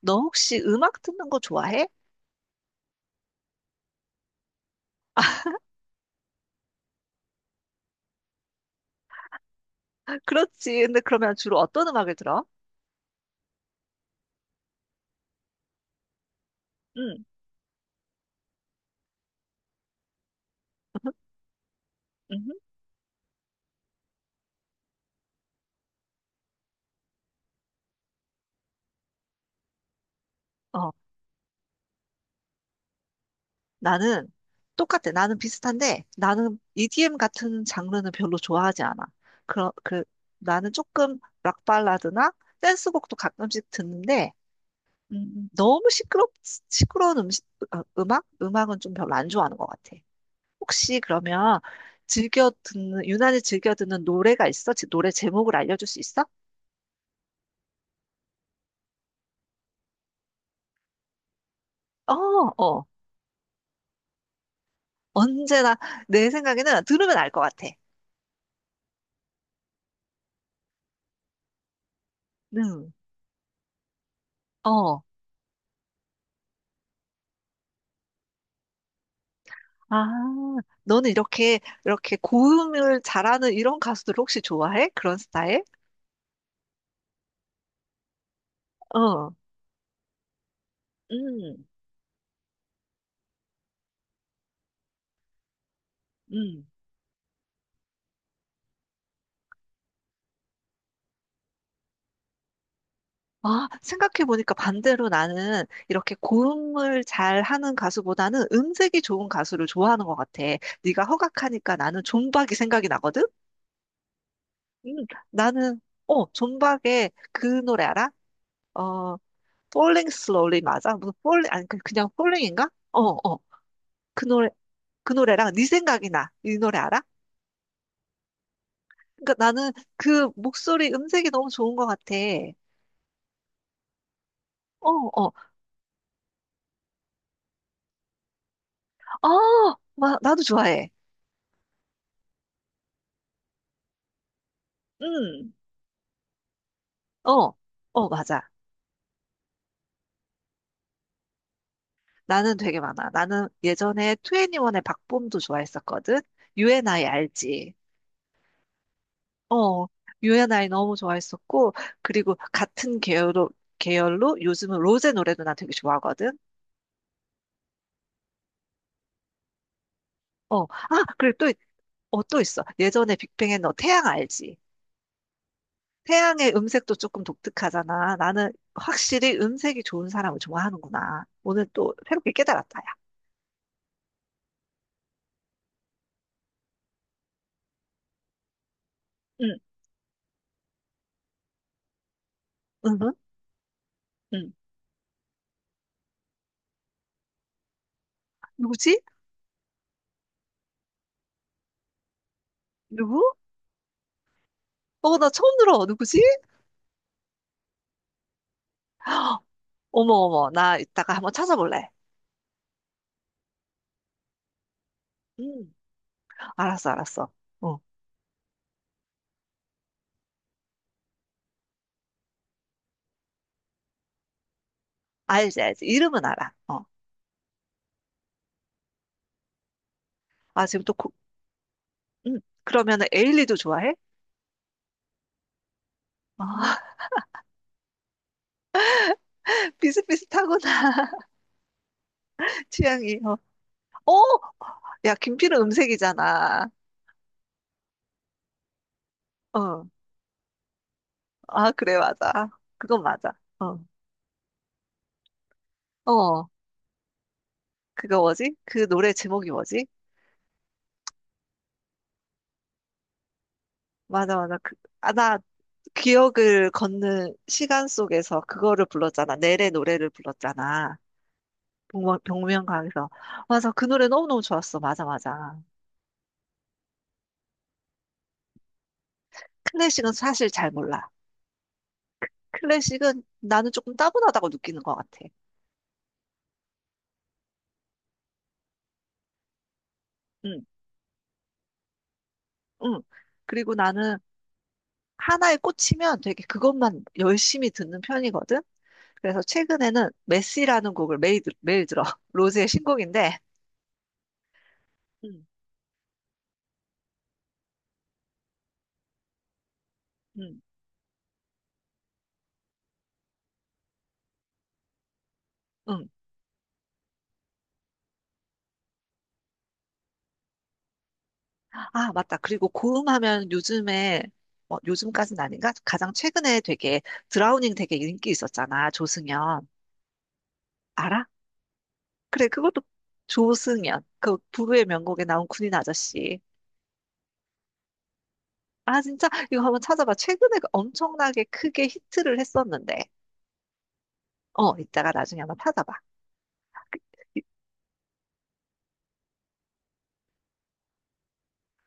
너 혹시 음악 듣는 거 좋아해? 그렇지. 근데 그러면 주로 어떤 음악을 들어? 응, 음, 어, 나는 똑같아. 나는 비슷한데 나는 EDM 같은 장르는 별로 좋아하지 않아. 그런 그 나는 조금 락 발라드나 댄스곡도 가끔씩 듣는데 너무 시끄럽 시끄러운 음식 어, 음악 음악은 좀 별로 안 좋아하는 것 같아. 혹시 그러면 즐겨 듣는 유난히 즐겨 듣는 노래가 있어? 노래 제목을 알려줄 수 있어? 어, 어. 언제나 내 생각에는 들으면 알 것 같아. 응. 어. 아, 너는 이렇게 고음을 잘하는 이런 가수들 혹시 좋아해? 그런 스타일? 어. 음. 음. 아, 생각해보니까 반대로 나는 이렇게 고음을 잘하는 가수보다는 음색이 좋은 가수를 좋아하는 것 같아. 네가 허각하니까 나는 존박이 생각이 나거든? 나는, 어, 존박의 그 노래 알아? 어, Falling Slowly 맞아? 무슨 Falling 아니 그냥 Falling인가? 어, 어. 그 노래 그 노래랑 네 생각이 나. 이 노래 알아? 그러니까 나는 그 목소리 음색이 너무 좋은 것 같아. 어, 어. 아, 마, 나도 좋아해. 음. 어. 어, 맞아. 나는 되게 많아. 나는 예전에 2NE1의 박봄도 좋아했었거든. U&I 알지? 어. U&I 너무 좋아했었고 그리고 같은 계열로 요즘은 로제 노래도 나 되게 좋아하거든. 어, 아, 그리고 또 어, 또 있어. 예전에 빅뱅에 너 태양 알지? 태양의 음색도 조금 독특하잖아. 나는 확실히 음색이 좋은 사람을 좋아하는구나. 오늘 또 새롭게 깨달았다, 야. 응, 응? 응. 응. 누구지? 누구? 어, 나 처음 들어. 누구지? 어머, 어머. 나 이따가 한번 찾아볼래. 음, 알았어, 알았어. 어, 알지, 알지. 이름은 알아. 어. 아, 지금 또, 고, 그러면은 에일리도 좋아해? 아, 비슷비슷하구나. 취향이. 어, 어? 야, 김필은 음색이잖아. 어. 아, 그래, 맞아. 그건 맞아. 어. 어, 그거 뭐지? 그 노래 제목이 뭐지? 맞아, 맞아. 그, 아, 나 기억을 걷는 시간 속에서 그거를 불렀잖아. 넬의 노래를 불렀잖아. 복면가왕에서. 맞아, 그 노래 너무너무 좋았어. 맞아, 맞아. 클래식은 사실 잘 몰라. 클래식은 나는 조금 따분하다고 느끼는 것 같아. 응, 응. 그리고 나는 하나에 꽂히면 되게 그것만 열심히 듣는 편이거든? 그래서 최근에는 메시라는 곡을 매일 들어. 로즈의 신곡인데, 음. 음, 음. 아, 맞다. 그리고 고음하면 요즘에, 뭐 요즘까진 아닌가? 가장 최근에 되게 드라우닝 되게 인기 있었잖아. 조승연. 알아? 그래, 그것도 조승연. 그 부부의 명곡에 나온 군인 아저씨. 아, 진짜? 이거 한번 찾아봐. 최근에 그 엄청나게 크게 히트를 했었는데. 어, 이따가 나중에 한번 찾아봐.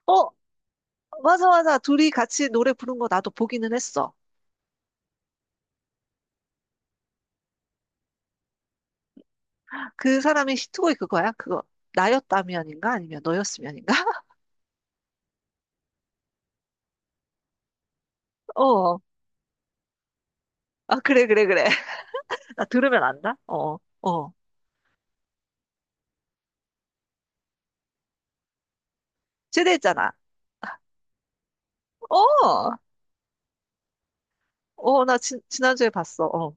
어, 맞아, 맞아. 둘이 같이 노래 부른 거 나도 보기는 했어. 그 사람이 시트고이 그거야? 그거 나였다면인가? 아니면 너였으면인가? 어. 아, 그래, 그래, 그래. 나 들으면 안다? 어, 어. 제대했잖아. 어, 어, 나 지난주에 봤어. 어.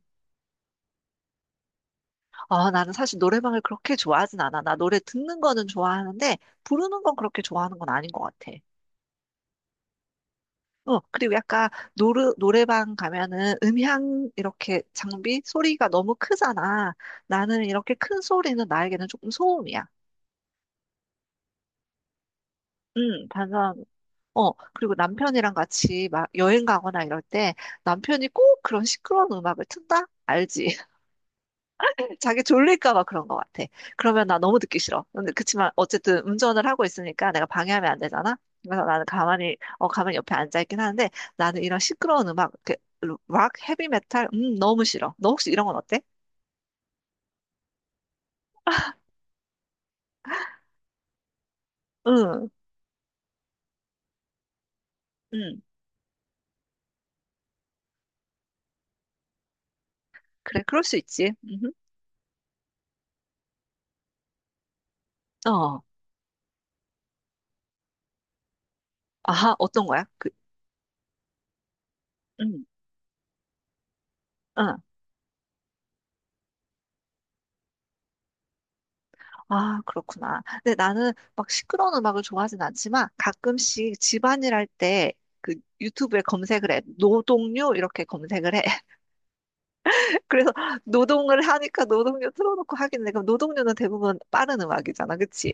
아, 나는 사실 노래방을 그렇게 좋아하진 않아. 나 노래 듣는 거는 좋아하는데, 부르는 건 그렇게 좋아하는 건 아닌 것 같아. 어, 그리고 약간 노래방 가면은 음향 이렇게 장비 소리가 너무 크잖아. 나는 이렇게 큰 소리는 나에게는 조금 소음이야. 반전 어, 그리고 남편이랑 같이 막 여행 가거나 이럴 때 남편이 꼭 그런 시끄러운 음악을 튼다? 알지? 자기 졸릴까 봐 그런 것 같아. 그러면 나 너무 듣기 싫어. 근데 그치만 어쨌든 운전을 하고 있으니까 내가 방해하면 안 되잖아? 그래서 나는 가만히, 어, 가만히 옆에 앉아있긴 하는데 나는 이런 시끄러운 음악, 이렇게 락, 헤비 메탈, 너무 싫어. 너 혹시 이런 건 어때? 응, 응. 그래, 그럴 수 있지. 어. 아하, 어떤 거야? 그, 응, 응. 아, 그렇구나. 근데 나는 막 시끄러운 음악을 좋아하진 않지만 가끔씩 집안일 할 때 그 유튜브에 검색을 해. 노동요 이렇게 검색을 해. 그래서 노동을 하니까 노동요 틀어놓고 하긴 해. 그럼 노동요는 대부분 빠른 음악이잖아. 그치?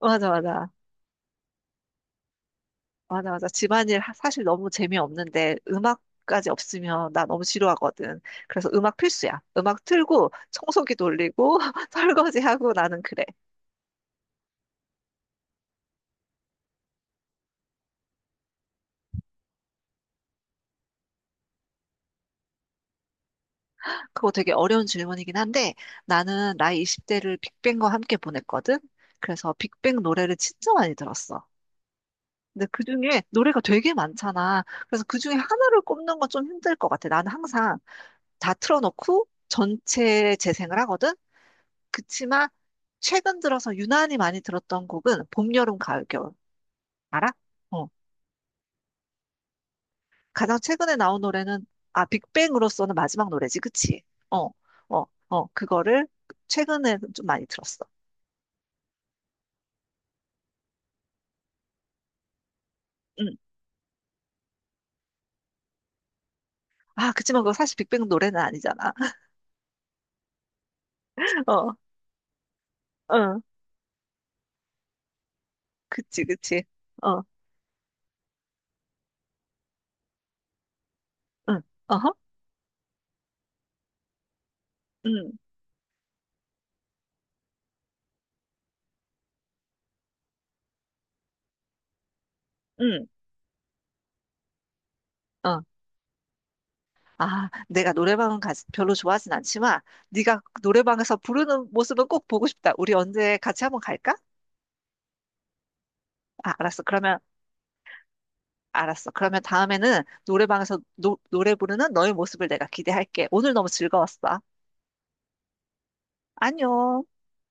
맞아, 맞아. 맞아, 맞아. 사실 너무 재미없는데 음악까지 없으면 나 너무 지루하거든. 그래서 음악 필수야. 음악 틀고 청소기 돌리고 설거지하고 나는 그래. 그거 되게 어려운 질문이긴 한데 나는 나이 20대를 빅뱅과 함께 보냈거든. 그래서 빅뱅 노래를 진짜 많이 들었어. 근데 그중에 노래가 되게 많잖아. 그래서 그중에 하나를 꼽는 건 좀 힘들 것 같아. 나는 항상 다 틀어놓고 전체 재생을 하거든. 그치만 최근 들어서 유난히 많이 들었던 곡은 봄, 여름, 가을, 겨울. 알아? 어. 가장 최근에 나온 노래는 아 빅뱅으로서는 마지막 노래지, 그치? 어, 어, 어. 그거를 최근에 좀 많이 들었어. 응. 아, 그치만 그거 사실 빅뱅 노래는 아니잖아. 어, 응. 그치, 그치. 어, 응. 어허? 응, 응. 어. 아, 내가 노래방은 가, 별로 좋아하진 않지만, 네가 노래방에서 부르는 모습은 꼭 보고 싶다. 우리 언제 같이 한번 갈까? 아, 알았어. 그러면, 알았어. 그러면 다음에는 노래방에서 노래 부르는 너의 모습을 내가 기대할게. 오늘 너무 즐거웠어. 안녕.